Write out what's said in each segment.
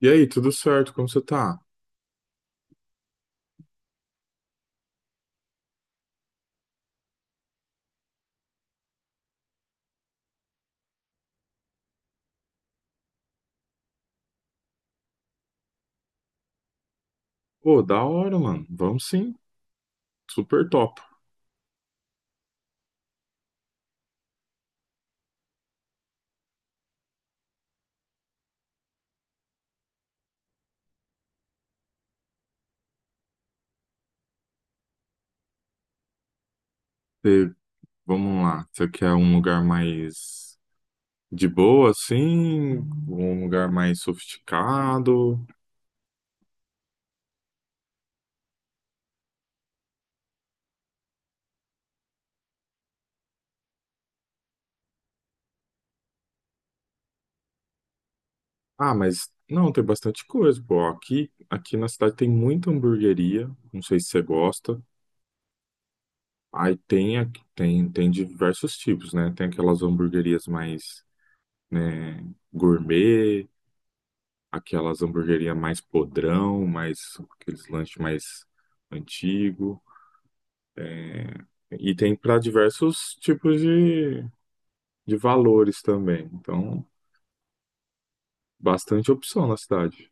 E aí, tudo certo? Como você tá? Pô, da hora, mano. Vamos sim. Super top. Você- Vamos lá. Você quer um lugar mais de boa, assim? Um lugar mais sofisticado? Ah, mas não, tem bastante coisa, pô. Aqui na cidade tem muita hamburgueria. Não sei se você gosta. Aí tem, tem diversos tipos, né? Tem aquelas hamburguerias mais, né, gourmet. Aquelas hamburgueria mais podrão, mais aqueles lanches mais antigo. E tem para diversos tipos de valores também. Então, bastante opção na cidade.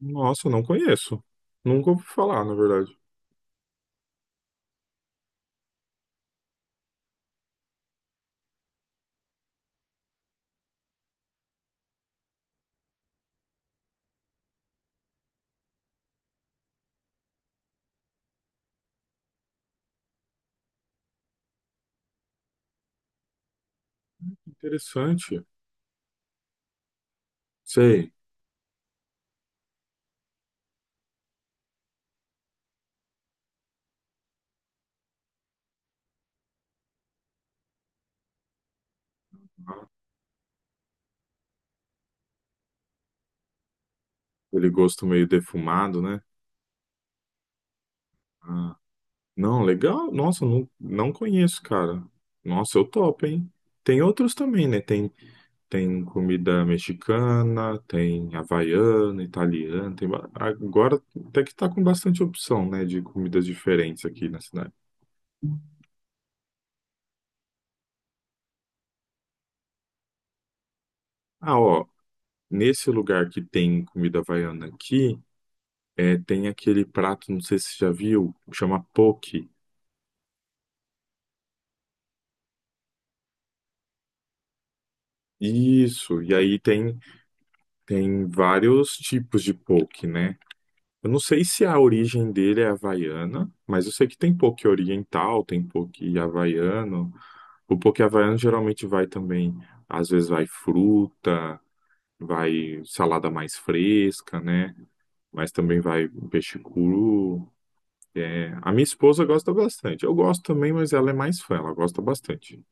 Nossa, não conheço. Nunca ouvi falar, na verdade. Interessante. Sei, aquele gosto meio defumado, né? Ah, não, legal. Nossa, não conheço, cara. Nossa, eu topo, hein? Tem outros também, né? Tem comida mexicana, tem havaiana, italiana, Agora até que tá com bastante opção, né, de comidas diferentes aqui na cidade. Ah, ó, nesse lugar que tem comida havaiana aqui, é, tem aquele prato, não sei se você já viu, chama poke. Isso, e tem vários tipos de poke, né? Eu não sei se a origem dele é havaiana, mas eu sei que tem poke oriental, tem poke havaiano. O poke havaiano geralmente vai também, às vezes vai fruta, vai salada mais fresca, né? Mas também vai peixe cru. É, a minha esposa gosta bastante. Eu gosto também, mas ela é mais fã, ela gosta bastante.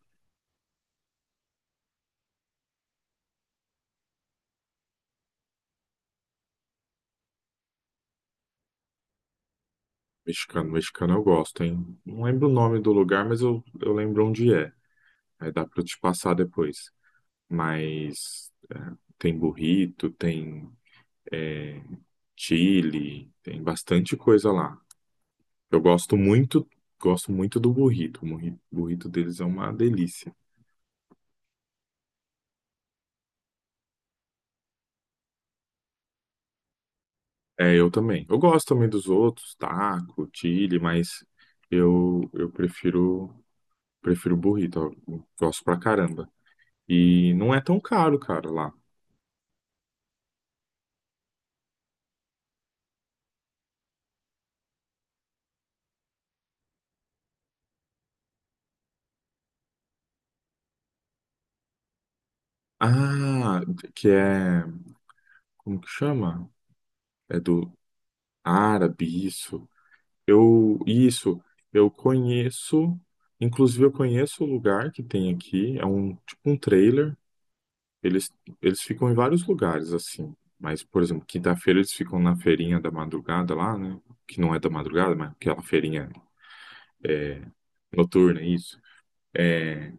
Mexicano, eu gosto, hein? Não lembro o nome do lugar, mas eu lembro onde é. Aí dá pra eu te passar depois. Mas tem burrito, tem é, chili, tem bastante coisa lá. Eu gosto muito, gosto muito do burrito. O burrito deles é uma delícia. É, eu também. Eu gosto também dos outros, taco, chili, mas eu prefiro burrito. Eu gosto pra caramba. E não é tão caro, cara, lá. Ah, que é, como que chama? É do árabe, isso. Eu, isso, eu conheço, inclusive eu conheço o lugar que tem aqui, é um tipo um trailer. Eles, eles ficam em vários lugares, assim. Mas, por exemplo, quinta-feira eles ficam na feirinha da madrugada lá, né? Que não é da madrugada, mas aquela feirinha é, noturna, isso. É,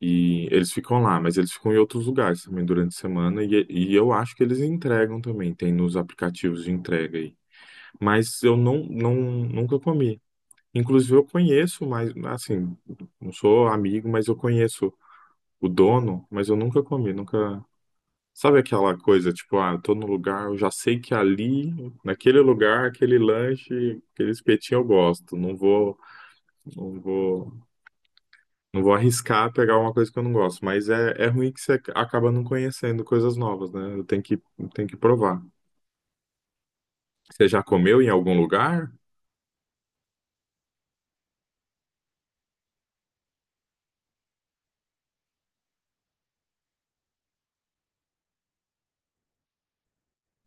e eles ficam lá, mas eles ficam em outros lugares também durante a semana. E eu acho que eles entregam também, tem nos aplicativos de entrega aí. Mas eu não, nunca comi. Inclusive, eu conheço, mas assim, não sou amigo, mas eu conheço o dono, mas eu nunca comi, nunca. Sabe aquela coisa, tipo, ah, eu tô no lugar, eu já sei que ali, naquele lugar, aquele lanche, aquele espetinho eu gosto. Não vou, não vou arriscar pegar uma coisa que eu não gosto. Mas é, é ruim que você acaba não conhecendo coisas novas, né? Tenho que provar. Você já comeu em algum lugar?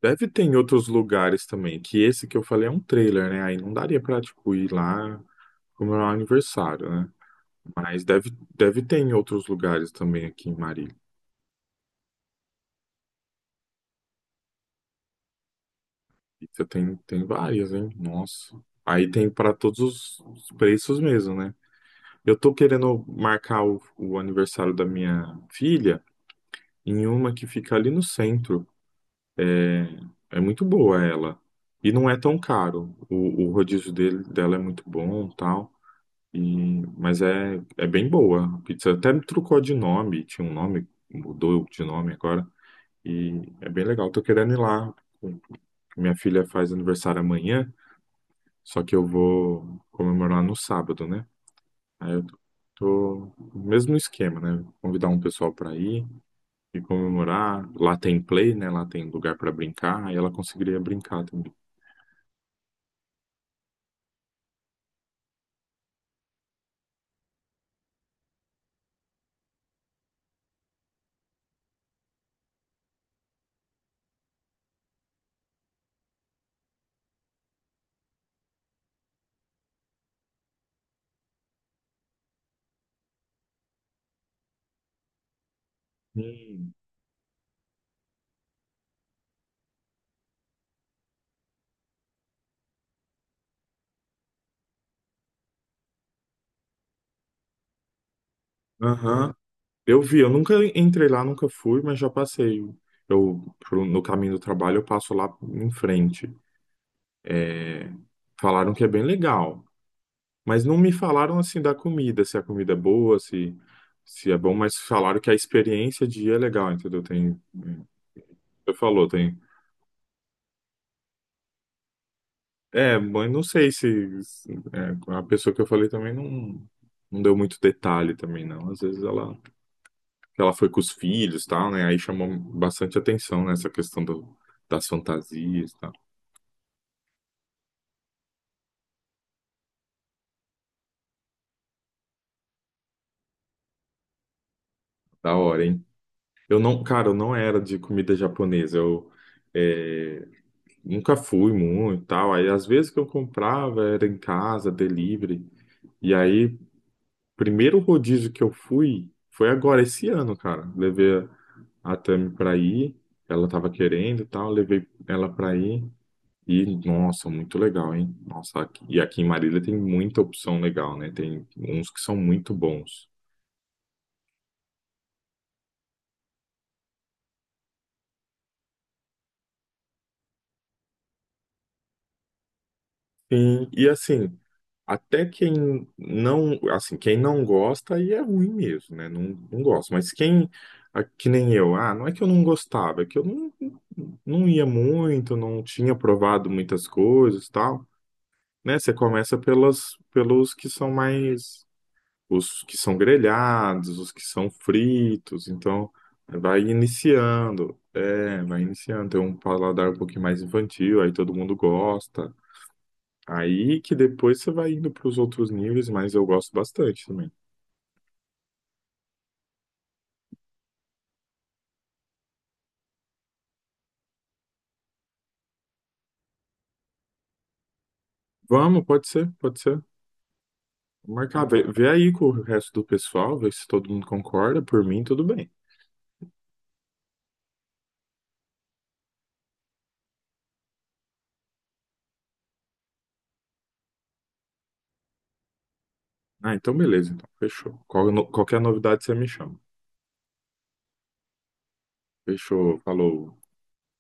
Deve ter em outros lugares também, que esse que eu falei é um trailer, né? Aí não daria pra, tipo, ir lá comemorar o aniversário, né? Mas deve, deve ter em outros lugares também aqui em Marília. Pizza tem, tem várias, né? Nossa. Aí tem para todos os preços mesmo, né? Eu tô querendo marcar o aniversário da minha filha em uma que fica ali no centro. É é muito boa ela. E não é tão caro. O rodízio dele, dela é muito bom, tal. E, mas é, é bem boa a pizza. Até me trocou de nome, tinha um nome, mudou de nome agora. E é bem legal. Tô querendo ir lá. Minha filha faz aniversário amanhã. Só que eu vou comemorar no sábado, né? Aí eu tô, tô no mesmo esquema, né? Convidar um pessoal para ir e comemorar. Lá tem play, né? Lá tem lugar para brincar. Aí ela conseguiria brincar também. Hum. Aham. Eu vi, eu nunca entrei lá, nunca fui, mas já passei. No caminho do trabalho, eu passo lá em frente. É, falaram que é bem legal. Mas não me falaram assim da comida, se a comida é boa, se é bom, mas falaram que a experiência de ir é legal, entendeu? Tem, é, você falou, tem. É, mas não sei se é, a pessoa que eu falei também não deu muito detalhe também, não. Às vezes ela foi com os filhos, e tal, né? Aí chamou bastante atenção, né, essa questão do, das fantasias, e tal. Da hora, hein? Eu não, cara, eu não era de comida japonesa. Eu, é, nunca fui muito e tal. Aí às vezes que eu comprava era em casa, delivery. E aí, primeiro rodízio que eu fui foi agora esse ano, cara. Levei a Tami pra ir, ela tava querendo e tal, levei ela pra ir. E nossa, muito legal, hein? E aqui em Marília tem muita opção legal, né? Tem uns que são muito bons. Sim, e assim, até quem não gosta aí é ruim mesmo, né? Não, não gosta. Mas quem, ah, que nem eu, ah, não é que eu não gostava, é que eu não ia muito, não tinha provado muitas coisas, e tal, né? Você começa pelos que são mais, os que são grelhados, os que são fritos, então vai iniciando, é, vai iniciando, tem um paladar um pouquinho mais infantil, aí todo mundo gosta. Aí que depois você vai indo para os outros níveis, mas eu gosto bastante também. Vamos, pode ser, pode ser. Vê aí com o resto do pessoal, vê se todo mundo concorda. Por mim, tudo bem. Ah, então beleza, então fechou. Qualquer novidade você me chama. Fechou, falou.